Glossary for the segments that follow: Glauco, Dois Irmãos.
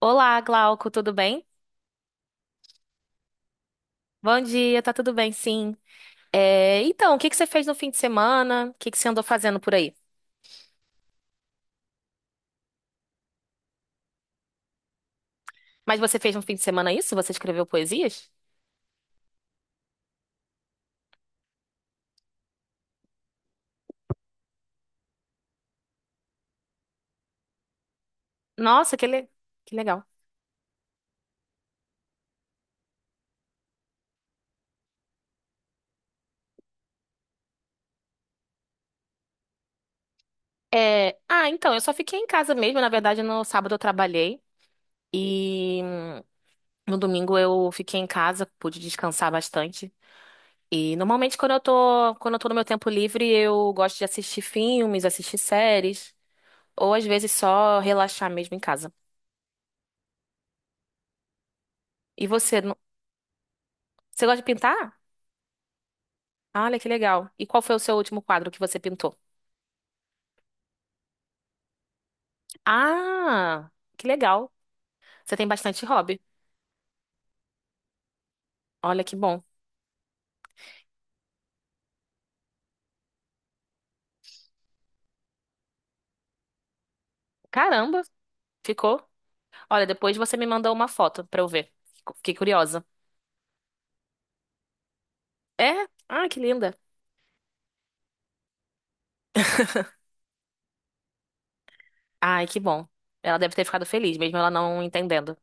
Olá, Glauco, tudo bem? Bom dia, tá tudo bem, sim. É, então, o que que você fez no fim de semana? O que que você andou fazendo por aí? Mas você fez no fim de semana isso? Você escreveu poesias? Nossa, que legal. É, então, eu só fiquei em casa mesmo. Na verdade, no sábado eu trabalhei e no domingo eu fiquei em casa, pude descansar bastante. E normalmente quando eu tô no meu tempo livre, eu gosto de assistir filmes, assistir séries, ou às vezes só relaxar mesmo em casa. E você? Você gosta de pintar? Olha que legal. E qual foi o seu último quadro que você pintou? Ah, que legal. Você tem bastante hobby. Olha que bom. Caramba, ficou. Olha, depois você me mandou uma foto pra eu ver. Fiquei curiosa. É? Ah, que linda. Ai, que bom. Ela deve ter ficado feliz, mesmo ela não entendendo.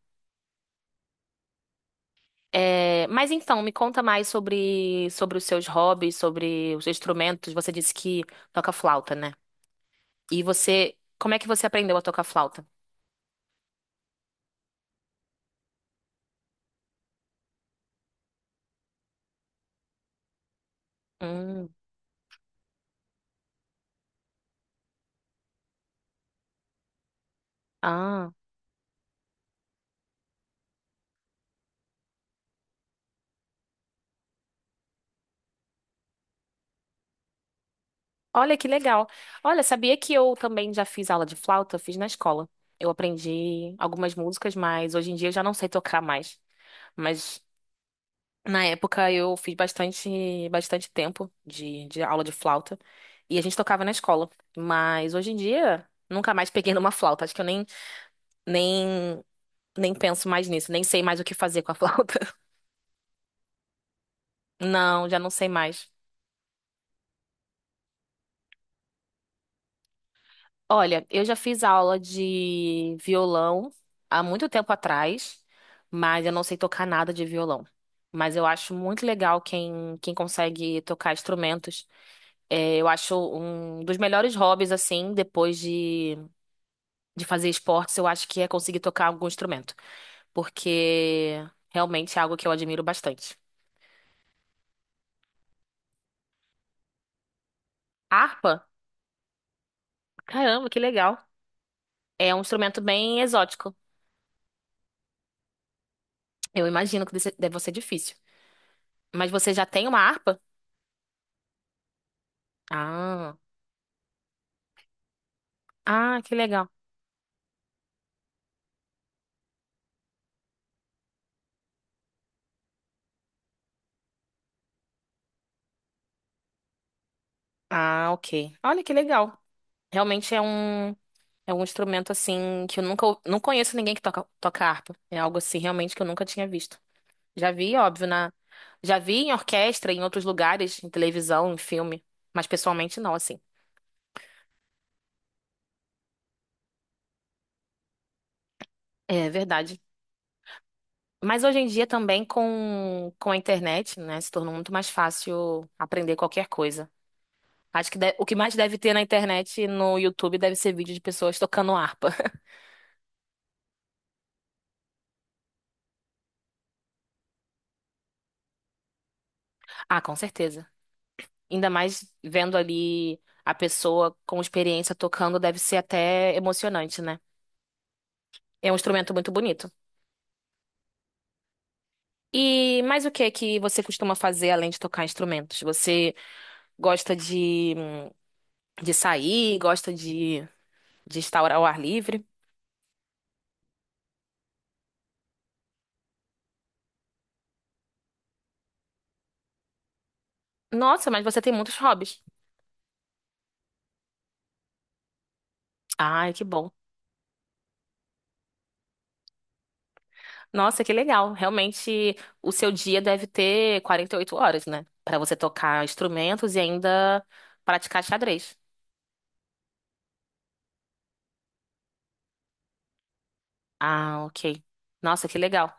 É, mas então, me conta mais sobre, sobre os seus hobbies, sobre os instrumentos. Você disse que toca flauta, né? E você, como é que você aprendeu a tocar flauta? Hum, ah. Olha que legal. Olha, sabia que eu também já fiz aula de flauta? Fiz na escola. Eu aprendi algumas músicas, mas hoje em dia eu já não sei tocar mais. Mas na época eu fiz bastante, bastante tempo de aula de flauta e a gente tocava na escola. Mas hoje em dia nunca mais peguei numa flauta. Acho que eu nem, nem penso mais nisso, nem sei mais o que fazer com a flauta. Não, já não sei mais. Olha, eu já fiz aula de violão há muito tempo atrás, mas eu não sei tocar nada de violão. Mas eu acho muito legal quem consegue tocar instrumentos. É, eu acho um dos melhores hobbies, assim, depois de fazer esportes, eu acho que é conseguir tocar algum instrumento. Porque realmente é algo que eu admiro bastante. Harpa? Caramba, que legal. É um instrumento bem exótico. Eu imagino que deve ser difícil. Mas você já tem uma harpa? Ah. Ah, que legal. Ah, ok. Olha que legal. Realmente é um instrumento assim que eu nunca não conheço ninguém que toca harpa. É algo assim realmente que eu nunca tinha visto. Já vi, óbvio, na já vi em orquestra, em outros lugares, em televisão, em filme, mas pessoalmente não, assim. É verdade. Mas hoje em dia também com a internet, né, se tornou muito mais fácil aprender qualquer coisa. Acho que o que mais deve ter na internet, e no YouTube, deve ser vídeo de pessoas tocando harpa. Ah, com certeza. Ainda mais vendo ali a pessoa com experiência tocando, deve ser até emocionante, né? É um instrumento muito bonito. E mais o que é que você costuma fazer além de tocar instrumentos? Você gosta de sair, gosta de estar ao ar livre? Nossa, mas você tem muitos hobbies. Ai, que bom. Nossa, que legal. Realmente, o seu dia deve ter 48 horas, né? Pra você tocar instrumentos e ainda praticar xadrez. Ah, ok. Nossa, que legal.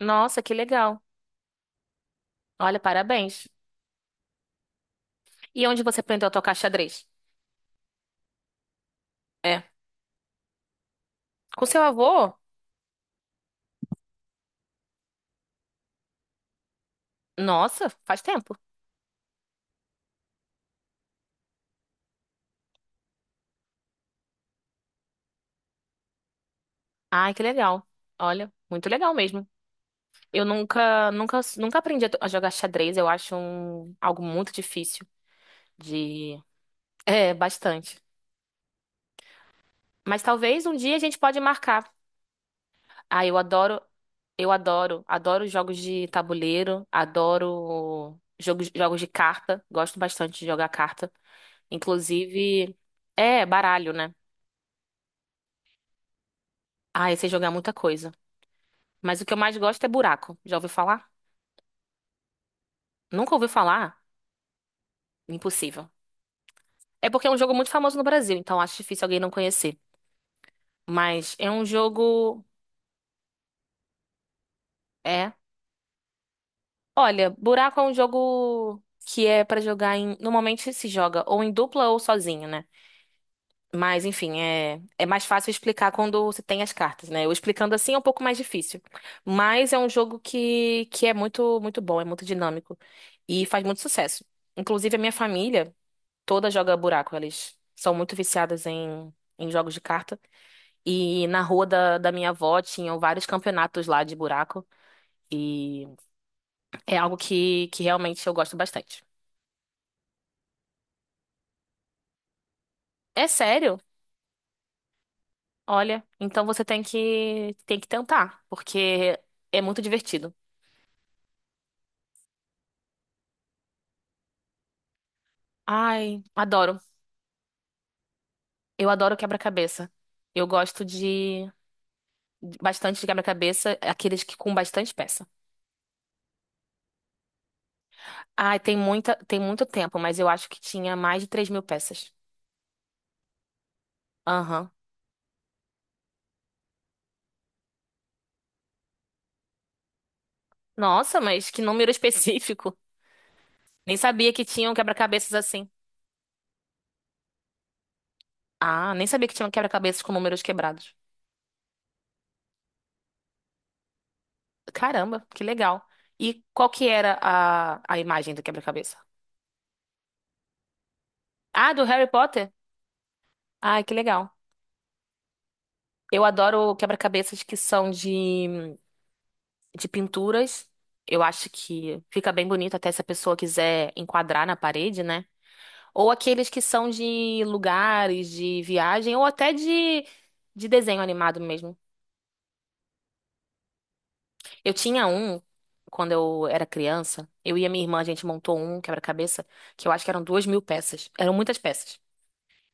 Nossa, que legal. Olha, parabéns. E onde você aprendeu a tocar xadrez? É. Com seu avô? Nossa, faz tempo. Ai, que legal. Olha, muito legal mesmo. Eu nunca, nunca, nunca aprendi a jogar xadrez. Eu acho algo muito difícil de... É, bastante. Mas talvez um dia a gente pode marcar. Ah, eu adoro jogos de tabuleiro, adoro jogos de carta. Gosto bastante de jogar carta. Inclusive, é baralho, né? Ah, eu sei jogar muita coisa. Mas o que eu mais gosto é buraco. Já ouviu falar? Nunca ouviu falar? Impossível. É porque é um jogo muito famoso no Brasil, então acho difícil alguém não conhecer. Mas é um jogo. É. Olha, buraco é um jogo que é pra jogar em. Normalmente se joga ou em dupla ou sozinho, né? Mas enfim, é, é mais fácil explicar quando você tem as cartas, né? Eu explicando assim é um pouco mais difícil. Mas é um jogo que é muito, muito bom, é muito dinâmico e faz muito sucesso. Inclusive, a minha família. Toda joga buraco. Elas são muito viciadas em jogos de carta. E na rua da minha avó tinham vários campeonatos lá de buraco. E é algo que realmente eu gosto bastante. É sério? Olha, então você tem que tentar, porque é muito divertido. Ai, adoro. Eu adoro quebra-cabeça. Eu gosto de bastante de quebra-cabeça, aqueles que com bastante peça. Ai, tem muito tempo, mas eu acho que tinha mais de 3.000 peças. Aham. Nossa, mas que número específico. Nem sabia que tinham quebra-cabeças assim. Ah, nem sabia que tinham quebra-cabeças com números quebrados. Caramba, que legal. E qual que era a imagem do quebra-cabeça? Ah, do Harry Potter? Ah, que legal. Eu adoro quebra-cabeças que são de pinturas. Eu acho que fica bem bonito até se a pessoa quiser enquadrar na parede, né? Ou aqueles que são de lugares, de viagem, ou até de desenho animado mesmo. Eu tinha um quando eu era criança. Eu e a minha irmã, a gente montou um quebra-cabeça, que eu acho que eram 2.000 peças. Eram muitas peças.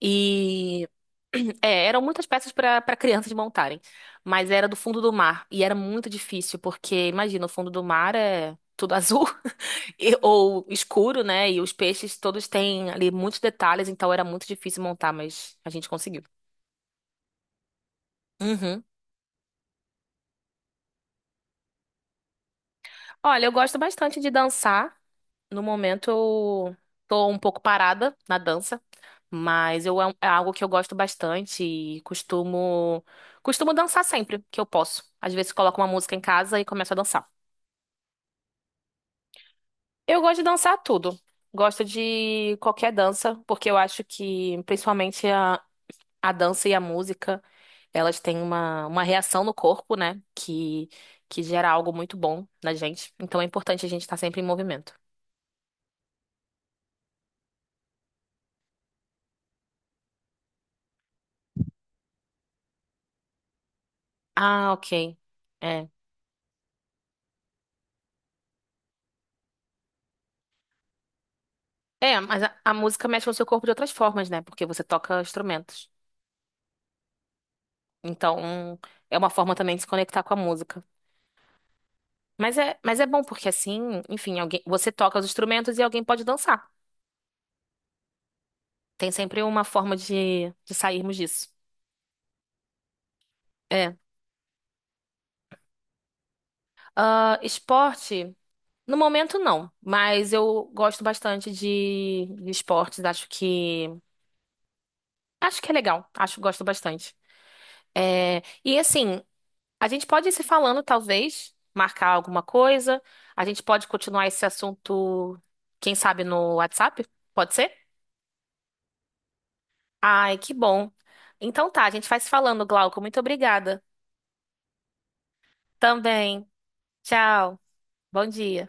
E. É, eram muitas peças para crianças montarem. Mas era do fundo do mar. E era muito difícil, porque, imagina, o fundo do mar é tudo azul ou escuro, né? E os peixes todos têm ali muitos detalhes, então era muito difícil montar, mas a gente conseguiu. Uhum. Olha, eu gosto bastante de dançar. No momento eu tô um pouco parada na dança, mas eu, é algo que eu gosto bastante e costumo dançar sempre que eu posso. Às vezes coloco uma música em casa e começo a dançar. Eu gosto de dançar tudo. Gosto de qualquer dança, porque eu acho que principalmente a dança e a música, elas têm uma reação no corpo, né? Que gera algo muito bom na gente. Então é importante a gente estar sempre em movimento. Ah, ok. É. É, mas a música mexe com o seu corpo de outras formas, né? Porque você toca instrumentos. Então, é uma forma também de se conectar com a música. Mas é bom porque assim, enfim, alguém, você toca os instrumentos e alguém pode dançar. Tem sempre uma forma de sairmos disso. É. Ah, esporte, no momento não, mas eu gosto bastante de esportes, acho que é legal, acho que gosto bastante. É, e assim, a gente pode ir se falando, talvez, marcar alguma coisa. A gente pode continuar esse assunto, quem sabe, no WhatsApp? Pode ser? Ai, que bom. Então tá, a gente vai se falando, Glauco. Muito obrigada. Também. Tchau. Bom dia.